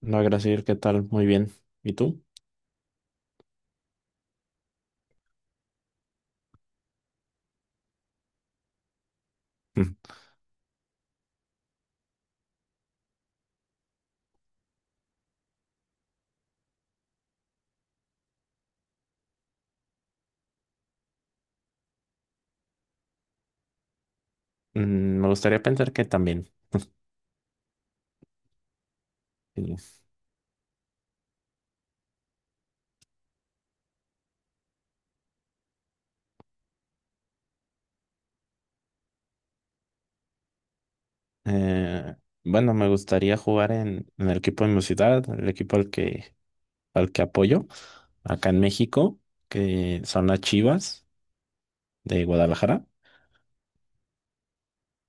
No, gracias, ¿qué tal? Muy bien. ¿Y tú? Mm. Me gustaría pensar que también. Sí. Eh, bueno, me gustaría jugar en, el equipo de mi ciudad, el equipo al que apoyo, acá en México, que son las Chivas de Guadalajara.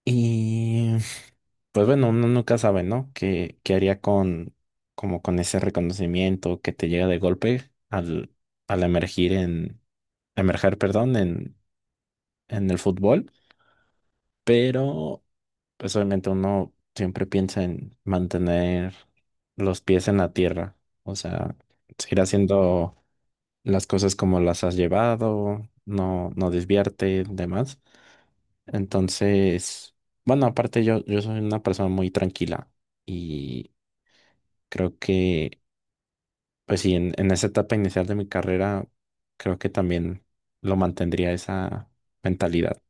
Y pues bueno, uno nunca sabe, ¿no? ¿Qué haría como con ese reconocimiento que te llega de golpe al, emergir en, emerger, perdón, en el fútbol? Pero pues obviamente uno siempre piensa en mantener los pies en la tierra, o sea, seguir haciendo las cosas como las has llevado, no desviarte, demás. Entonces, bueno, aparte yo soy una persona muy tranquila y creo que, pues sí, en, esa etapa inicial de mi carrera, creo que también lo mantendría esa mentalidad.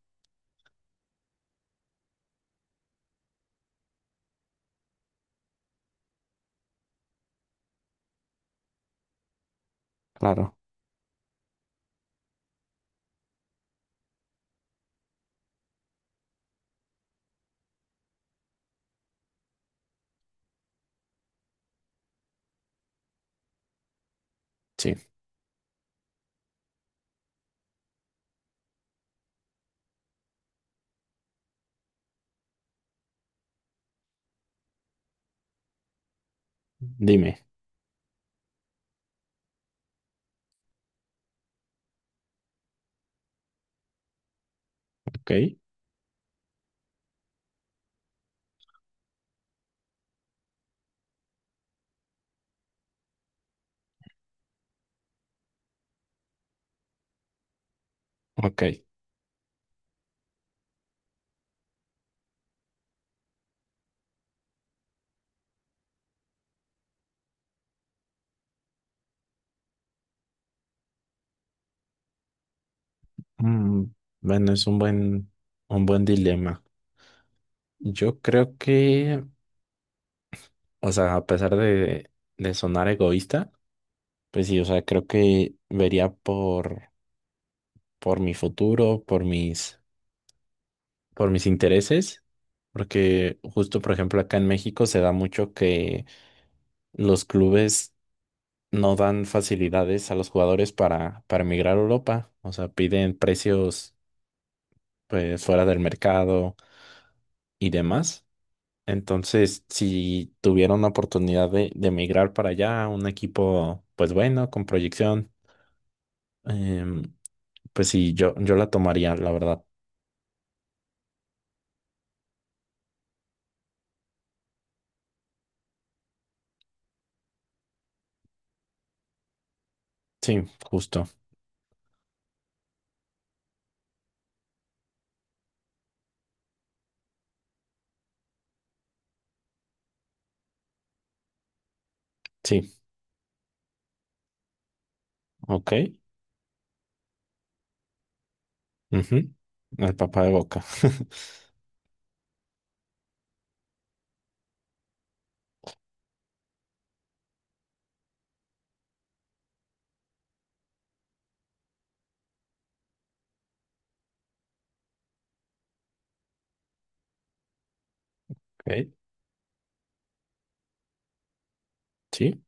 Claro, sí, dime, ok, ok. Mm, Bueno, es un buen dilema. Yo creo que, o sea, a pesar de sonar egoísta, pues sí, o sea, creo que vería por, mi futuro, por mis intereses, porque justo, por ejemplo, acá en México se da mucho que los clubes no dan facilidades a los jugadores para emigrar a Europa, o sea, piden precios, pues, fuera del mercado y demás. Entonces, si tuviera una oportunidad de emigrar para allá, un equipo, pues bueno, con proyección, em, pues sí, yo la tomaría, la verdad. Sí, justo. Sí, ok. Ujú, el papá de Boca. Ok, sí,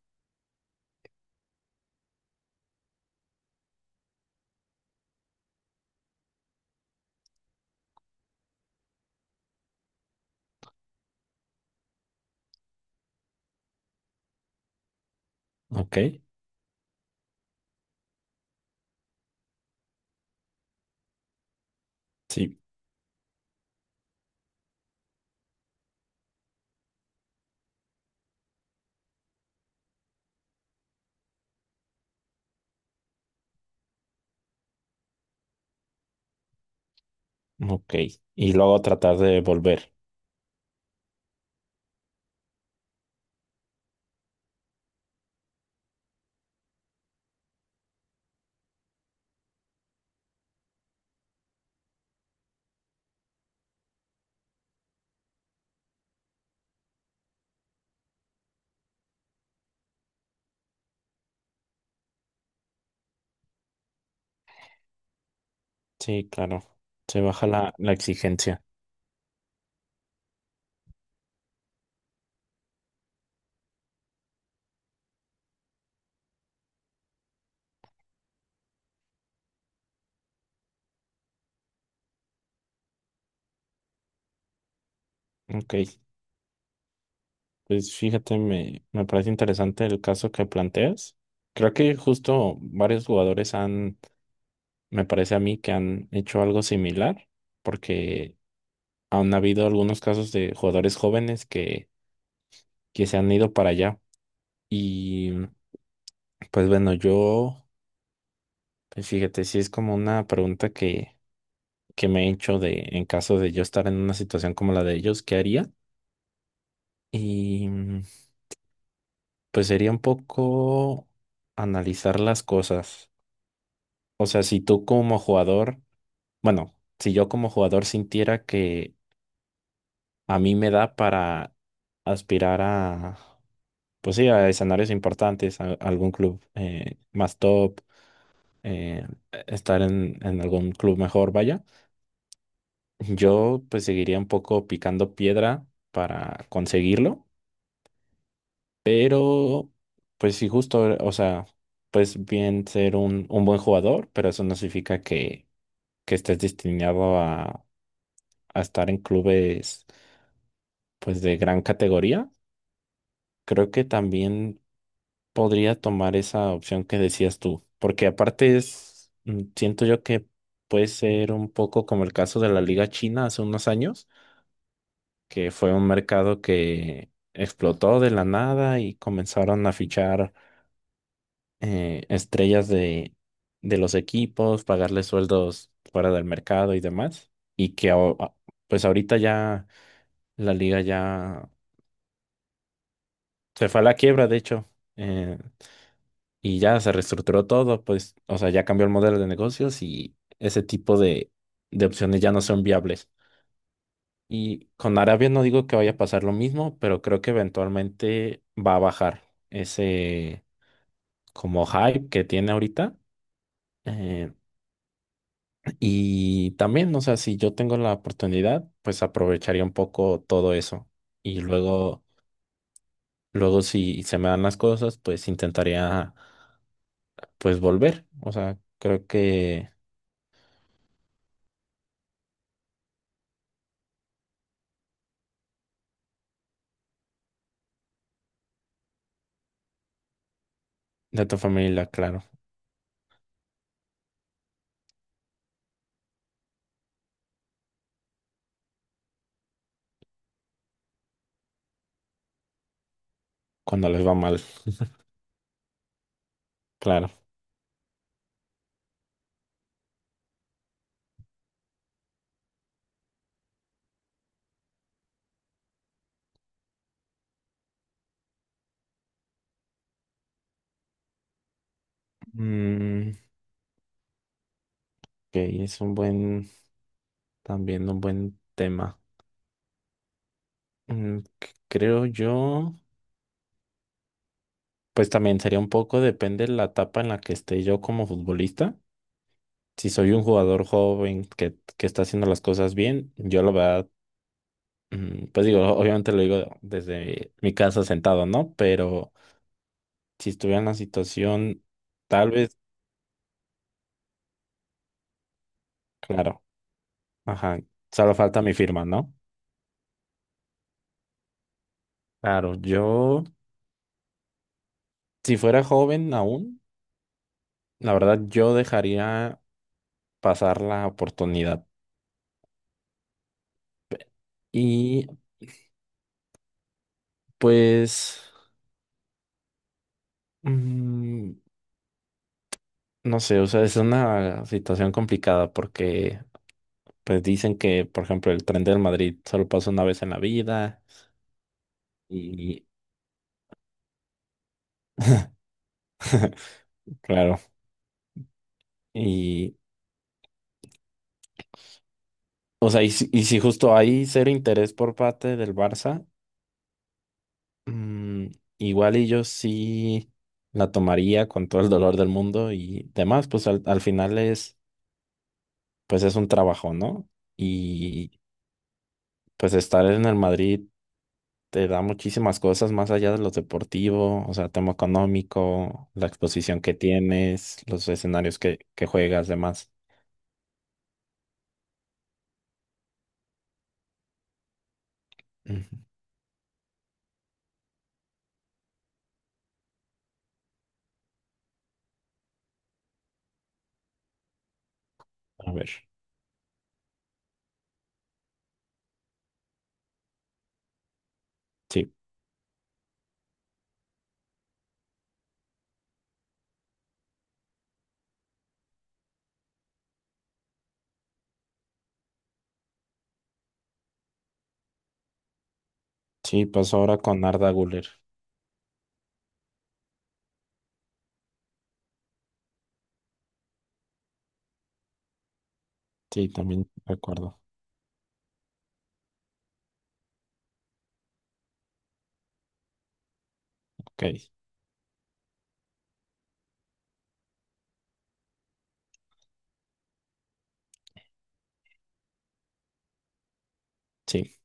ok, sí, ok. Y luego tratar de volver. Sí, claro. Se baja la exigencia. Ok, pues fíjate, me parece interesante el caso que planteas. Creo que justo varios jugadores han Me parece a mí que han hecho algo similar, porque han habido algunos casos de jugadores jóvenes que se han ido para allá. Y pues bueno, yo, pues fíjate, sí es como una pregunta que me he hecho de, en caso de yo estar en una situación como la de ellos, ¿qué haría? Y pues sería un poco analizar las cosas. O sea, si tú como jugador, bueno, si yo como jugador sintiera que a mí me da para aspirar a, pues sí, a escenarios importantes, a algún club más top, eh, estar en, algún club mejor, vaya. Yo pues seguiría un poco picando piedra para conseguirlo, pero pues sí, justo, o sea, pues bien ser un, buen jugador, pero eso no significa que estés destinado a estar en clubes pues de gran categoría. Creo que también podría tomar esa opción que decías tú, porque aparte es, siento yo que puede ser un poco como el caso de la Liga China hace unos años, que fue un mercado que explotó de la nada y comenzaron a fichar estrellas de los equipos, pagarles sueldos fuera del mercado y demás, y que pues ahorita ya la liga ya se fue a la quiebra, de hecho. eh, Y ya se reestructuró todo, pues, o sea, ya cambió el modelo de negocios y ese tipo de opciones ya no son viables. Y con Arabia no digo que vaya a pasar lo mismo, pero creo que eventualmente va a bajar ese como hype que tiene ahorita. Eh, y también, o sea, si yo tengo la oportunidad, pues aprovecharía un poco todo eso. Y luego si se me dan las cosas, pues intentaría, pues volver. O sea, creo que de tu familia, claro. Cuando les va mal, claro. Mm, ok, es también un buen tema. Creo yo, pues también sería un poco, depende de la etapa en la que esté yo como futbolista. Si soy un jugador joven que está haciendo las cosas bien, yo la verdad, pues digo, obviamente lo digo desde mi casa sentado, ¿no? Pero si estuviera en la situación, tal vez, claro, ajá, solo falta mi firma, ¿no? Claro, yo, si fuera joven aún. La verdad, yo dejaría pasar la oportunidad. Y pues, mm, no sé, o sea, es una situación complicada porque pues dicen que, por ejemplo, el tren del Madrid solo pasa una vez en la vida y claro, y o sea, y si justo hay cero interés por parte del Barça, mm, igual y yo sí la tomaría con todo el dolor del mundo y demás, pues al final es pues es un trabajo, ¿no? Y pues estar en el Madrid te da muchísimas cosas más allá de lo deportivo, o sea, tema económico, la exposición que tienes, los escenarios que juegas, demás. Ujú. A ver, sí, sí, pues ahora con Arda Güler. Sí, también recuerdo. Ok, sí.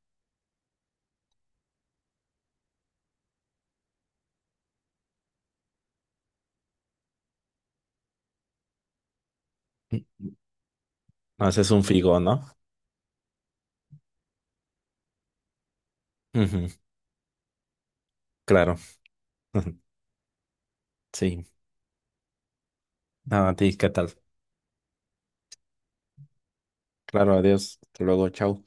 Mm, Haces un figo, ¿no? Ujú, claro. Sí. Nada, a ti, ¿qué tal? Claro, adiós. Hasta luego, chao.